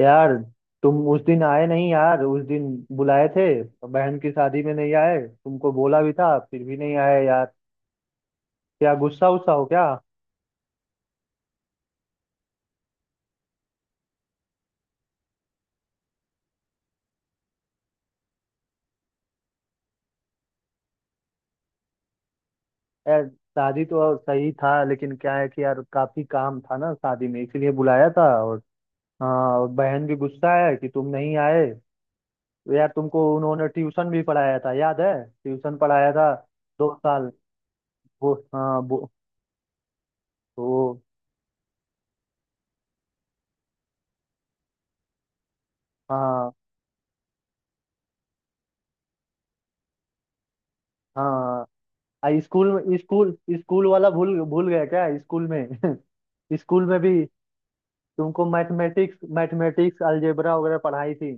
यार, तुम उस दिन आए नहीं यार, उस दिन बुलाए थे। बहन की शादी में नहीं आए, तुमको बोला भी था फिर भी नहीं आए यार। क्या गुस्सा उस्सा हो क्या? यार, शादी तो सही था लेकिन क्या है कि यार काफी काम था ना शादी में, इसीलिए बुलाया था। और हाँ, और बहन भी गुस्सा है कि तुम नहीं आए। तो यार, तुमको उन्होंने ट्यूशन भी पढ़ाया था याद है? ट्यूशन पढ़ाया था 2 साल। वो हाँ वो। वो। हाँ हाँ। स्कूल में स्कूल स्कूल वाला भूल भूल गया क्या स्कूल में? स्कूल में भी। तुमको मैथमेटिक्स मैथमेटिक्स अलजेब्रा वगैरह पढ़ाई थी।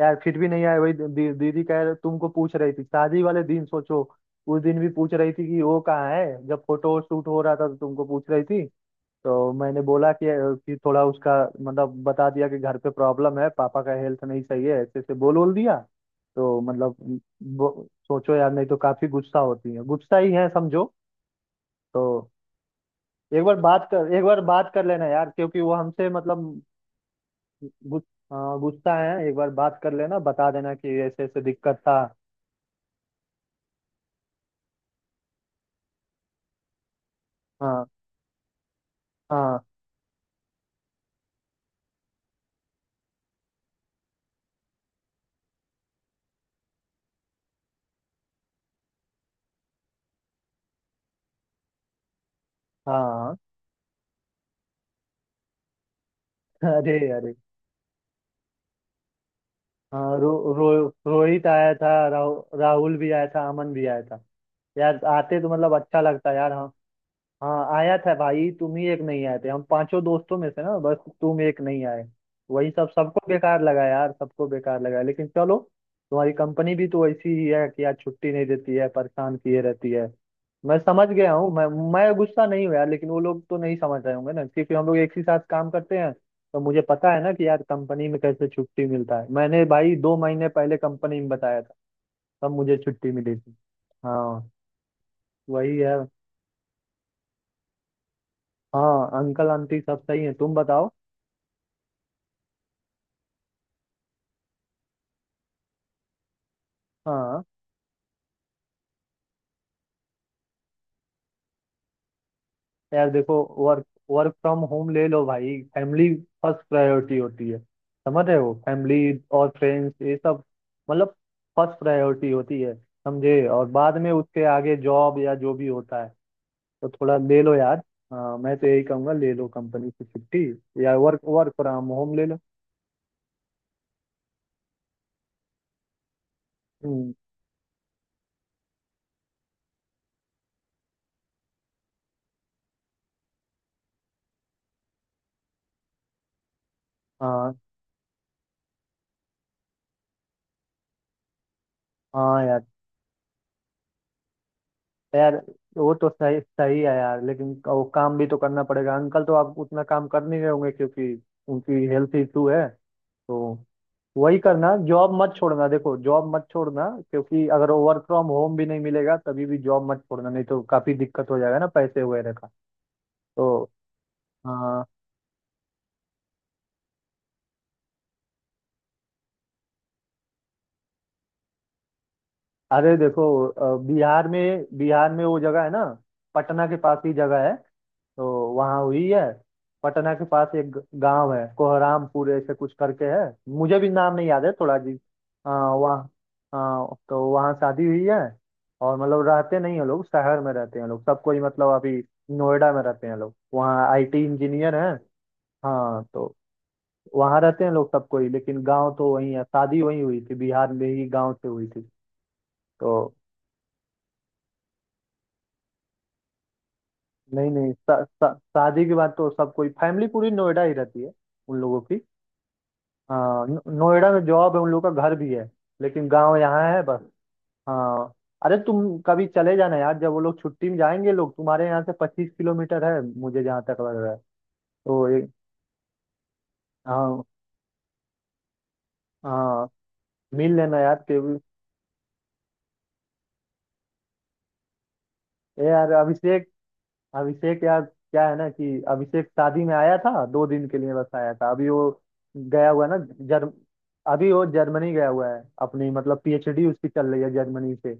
यार फिर भी नहीं आए। वही दीदी कह रहे, तुमको पूछ रही थी शादी वाले दिन, सोचो। उस दिन भी पूछ रही थी कि वो कहाँ है, जब फोटो शूट हो रहा था तो तुमको पूछ रही थी। तो मैंने बोला कि थोड़ा उसका मतलब बता दिया कि घर पे प्रॉब्लम है, पापा का हेल्थ नहीं सही है, ऐसे ऐसे बोल बोल दिया। तो मतलब सोचो यार, नहीं तो काफी गुस्सा होती है, गुस्सा ही है समझो। तो एक बार बात कर लेना यार, क्योंकि वो हमसे मतलब गु- गुस्सा है। एक बार बात कर लेना, बता देना कि ऐसे ऐसे दिक्कत था। हाँ हाँ। हाँ हाँ। अरे अरे। हाँ रो, रो, रोहित आया था, राहुल भी आया था, अमन भी आया था। यार आते तो मतलब अच्छा लगता यार। हाँ हाँ, आया था भाई, तुम ही एक नहीं आए थे। हम पांचों दोस्तों में से ना, बस तुम एक नहीं आए। वही सब, सबको बेकार लगा यार, सबको बेकार लगा, लेकिन चलो। तुम्हारी कंपनी भी तो ऐसी ही है कि यार छुट्टी नहीं देती है, परेशान किए रहती है। मैं समझ गया हूँ। मैं गुस्सा नहीं हूँ यार, लेकिन वो लोग तो नहीं समझ रहे होंगे ना, क्योंकि हम लोग एक ही साथ काम करते हैं तो मुझे पता है ना कि यार कंपनी में कैसे छुट्टी मिलता है। मैंने भाई 2 महीने पहले कंपनी में बताया था तब मुझे छुट्टी मिली थी। हाँ, वही है। हाँ अंकल आंटी सब सही है, तुम बताओ। हाँ यार देखो, वर्क वर्क फ्रॉम होम ले लो भाई। फैमिली फर्स्ट प्रायोरिटी होती है, समझ रहे हो? फैमिली और फ्रेंड्स, ये सब मतलब फर्स्ट प्रायोरिटी होती है समझे, और बाद में उसके आगे जॉब या जो भी होता है। तो थोड़ा ले लो यार। हाँ, मैं तो यही कहूँगा, ले लो कंपनी से छुट्टी, या वर्क वर्क फ्रॉम होम ले लो। हम्म। हाँ हाँ यार। यार वो तो सही सही है यार, लेकिन वो काम भी तो करना पड़ेगा। अंकल तो आप उतना काम कर नहीं रहे होंगे क्योंकि उनकी हेल्थ इशू है। तो वही करना, जॉब मत छोड़ना, देखो जॉब मत छोड़ना, क्योंकि अगर वर्क फ्रॉम होम भी नहीं मिलेगा तभी भी जॉब मत छोड़ना, नहीं तो काफी दिक्कत हो जाएगा ना पैसे वगैरह का। तो हाँ। अरे देखो बिहार में, बिहार में वो जगह है ना, पटना के पास ही जगह है। तो वहाँ हुई है। पटना के पास एक गांव है कोहरामपुर ऐसे कुछ करके है। मुझे भी नाम नहीं याद है थोड़ा जी। हाँ वहाँ। हाँ तो वहाँ शादी हुई है। और मतलब रहते नहीं हैं लोग, शहर में रहते हैं लोग सब कोई, मतलब अभी नोएडा में रहते हैं लोग, वहाँ आईटी इंजीनियर हैं। हाँ तो वहाँ रहते हैं लोग सब कोई, लेकिन गांव तो वही है, शादी वही हुई थी, बिहार में ही गांव से हुई थी। तो नहीं नहीं, शा- शा- शादी के बाद तो सब कोई फैमिली पूरी नोएडा ही रहती है उन लोगों की। हाँ नोएडा में जॉब है उन लोगों का, घर भी है, लेकिन गांव यहाँ है बस। हाँ। अरे तुम कभी चले जाना यार जब वो लोग छुट्टी में जाएंगे लोग, तुम्हारे यहाँ से 25 किलोमीटर है मुझे जहाँ तक लग रहा है। तो ये हाँ, हाँ मिल लेना यार केवी। ए यार अभिषेक। अभिषेक यार, क्या है ना कि अभिषेक शादी में आया था 2 दिन के लिए, बस आया था, अभी वो गया हुआ है ना। जर्म अभी वो जर्मनी गया हुआ है, अपनी मतलब पीएचडी उसकी चल रही है जर्मनी से।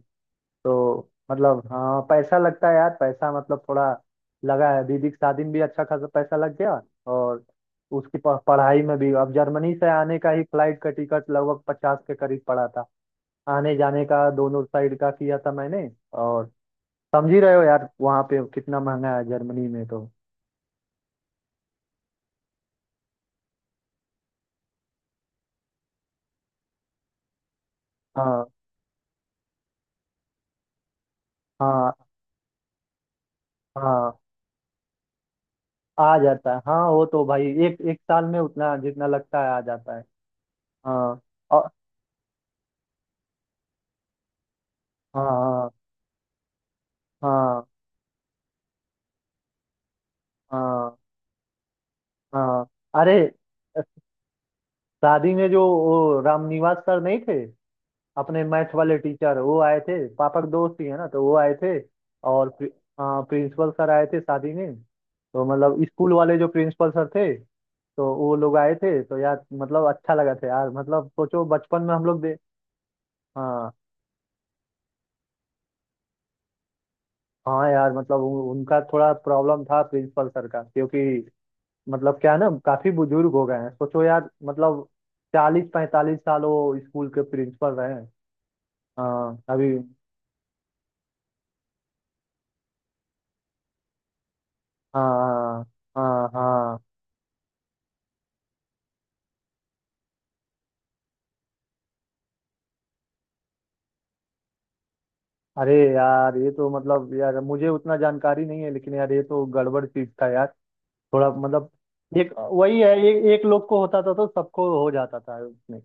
तो मतलब हाँ, पैसा लगता है यार, पैसा मतलब थोड़ा लगा है। दीदी की शादी में भी अच्छा खासा पैसा लग गया, और उसकी पढ़ाई में भी। अब जर्मनी से आने का ही फ्लाइट का टिकट लगभग 50 के करीब पड़ा था, आने जाने का दोनों साइड का किया था मैंने। और समझ ही रहे हो यार वहाँ पे कितना महंगा है जर्मनी में तो। हाँ हाँ हाँ। आ जाता है, हाँ वो तो भाई एक एक साल में उतना जितना लगता है आ जाता है। हाँ। और हाँ हाँ। हाँ हाँ हाँ। अरे, शादी में जो वो रामनिवास सर नहीं थे, अपने मैथ वाले टीचर, वो आए थे, पापा के दोस्त ही है ना, तो वो आए थे। और हाँ, प्रिंसिपल सर आए थे शादी में। तो मतलब स्कूल वाले जो प्रिंसिपल सर थे, तो वो लोग आए थे। तो यार मतलब अच्छा लगा था यार, मतलब सोचो बचपन में हम लोग दे। हाँ हाँ यार, मतलब उनका थोड़ा प्रॉब्लम था प्रिंसिपल सर का, क्योंकि मतलब क्या है ना, काफी बुजुर्ग हो गए हैं, सोचो यार मतलब 40-45 साल वो स्कूल के प्रिंसिपल रहे हैं। हाँ अभी। हाँ हाँ। हाँ हाँ। अरे यार, ये तो मतलब यार मुझे उतना जानकारी नहीं है, लेकिन यार ये तो गड़बड़ चीज था यार, थोड़ा मतलब एक वही है, एक एक लोग को होता था तो सबको हो जाता था उसमें।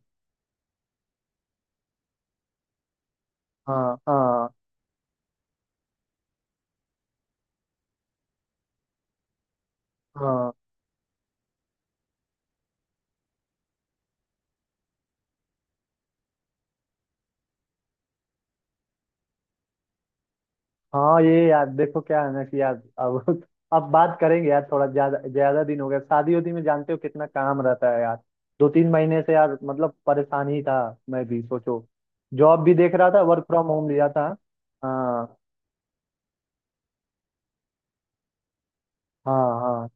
हाँ हाँ। हाँ हाँ ये यार देखो, क्या है ना कि यार अब बात करेंगे यार। थोड़ा ज्यादा ज्यादा दिन हो गया, शादी उदी में जानते हो कितना काम रहता है यार, 2-3 महीने से यार मतलब परेशान ही था। मैं भी सोचो, जॉब भी देख रहा था, वर्क फ्रॉम होम लिया था। हाँ हाँ हाँ।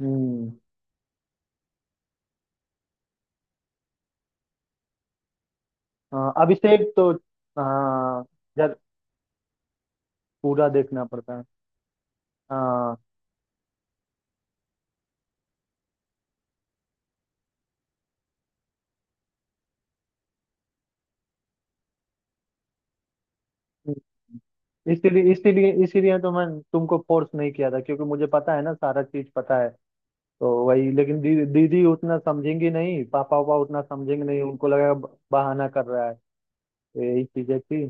हम्म। हाँ, अभिषेक तो हाँ यार पूरा देखना पड़ता है। हाँ। हम्म, इसीलिए इसीलिए इसीलिए तो मैं तुमको फोर्स नहीं किया था, क्योंकि मुझे पता है ना, सारा चीज पता है। तो वही, लेकिन दीदी उतना समझेंगी नहीं, पापा वापा उतना समझेंगे नहीं, उनको लगेगा बहाना कर रहा है। तो यही चीजें थी।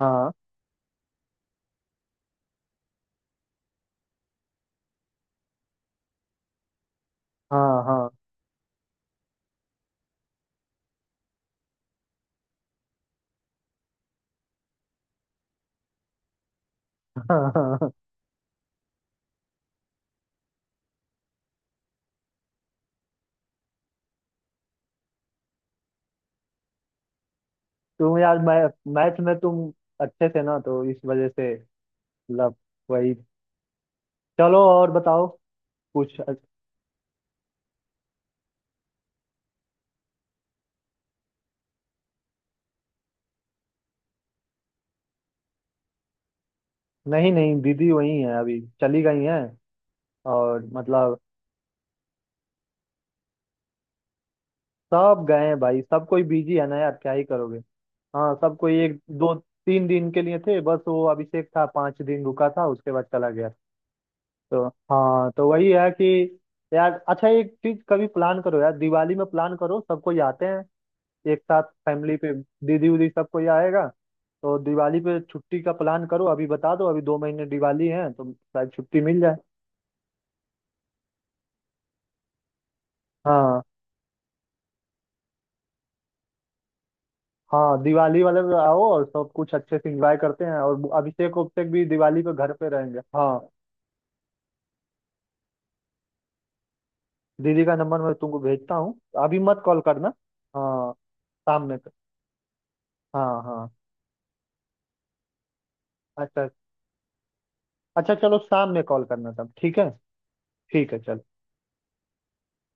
हाँ हाँ हाँ। हाँ हाँ। तुम यार मैथ में तुम अच्छे थे ना तो इस वजह से मतलब, वही। चलो और बताओ कुछ? नहीं नहीं, दीदी वही है, अभी चली गई हैं, और मतलब सब गए हैं भाई, सब कोई बिजी है ना यार, क्या ही करोगे। हाँ सब कोई एक दो तीन दिन के लिए थे, बस वो अभिषेक था 5 दिन रुका था, उसके बाद चला गया। तो हाँ, तो वही है कि यार अच्छा, एक चीज कभी प्लान करो यार, दिवाली में प्लान करो, सब कोई आते हैं एक साथ फैमिली पे। दीदी उदी सब कोई आएगा। तो दिवाली पे छुट्टी का प्लान करो, अभी बता दो, अभी 2 महीने दिवाली है तो शायद छुट्टी मिल जाए। हाँ हाँ, दिवाली वाले पे आओ और सब कुछ अच्छे से एंजॉय करते हैं, और अभिषेक उभिषेक भी दिवाली पे घर पे रहेंगे, हाँ। दीदी का नंबर मैं तुमको भेजता हूँ, अभी मत कॉल करना। हाँ शाम में हाँ हाँ अच्छा। अच्छा चलो शाम में कॉल करना तब, ठीक है? ठीक है चलो।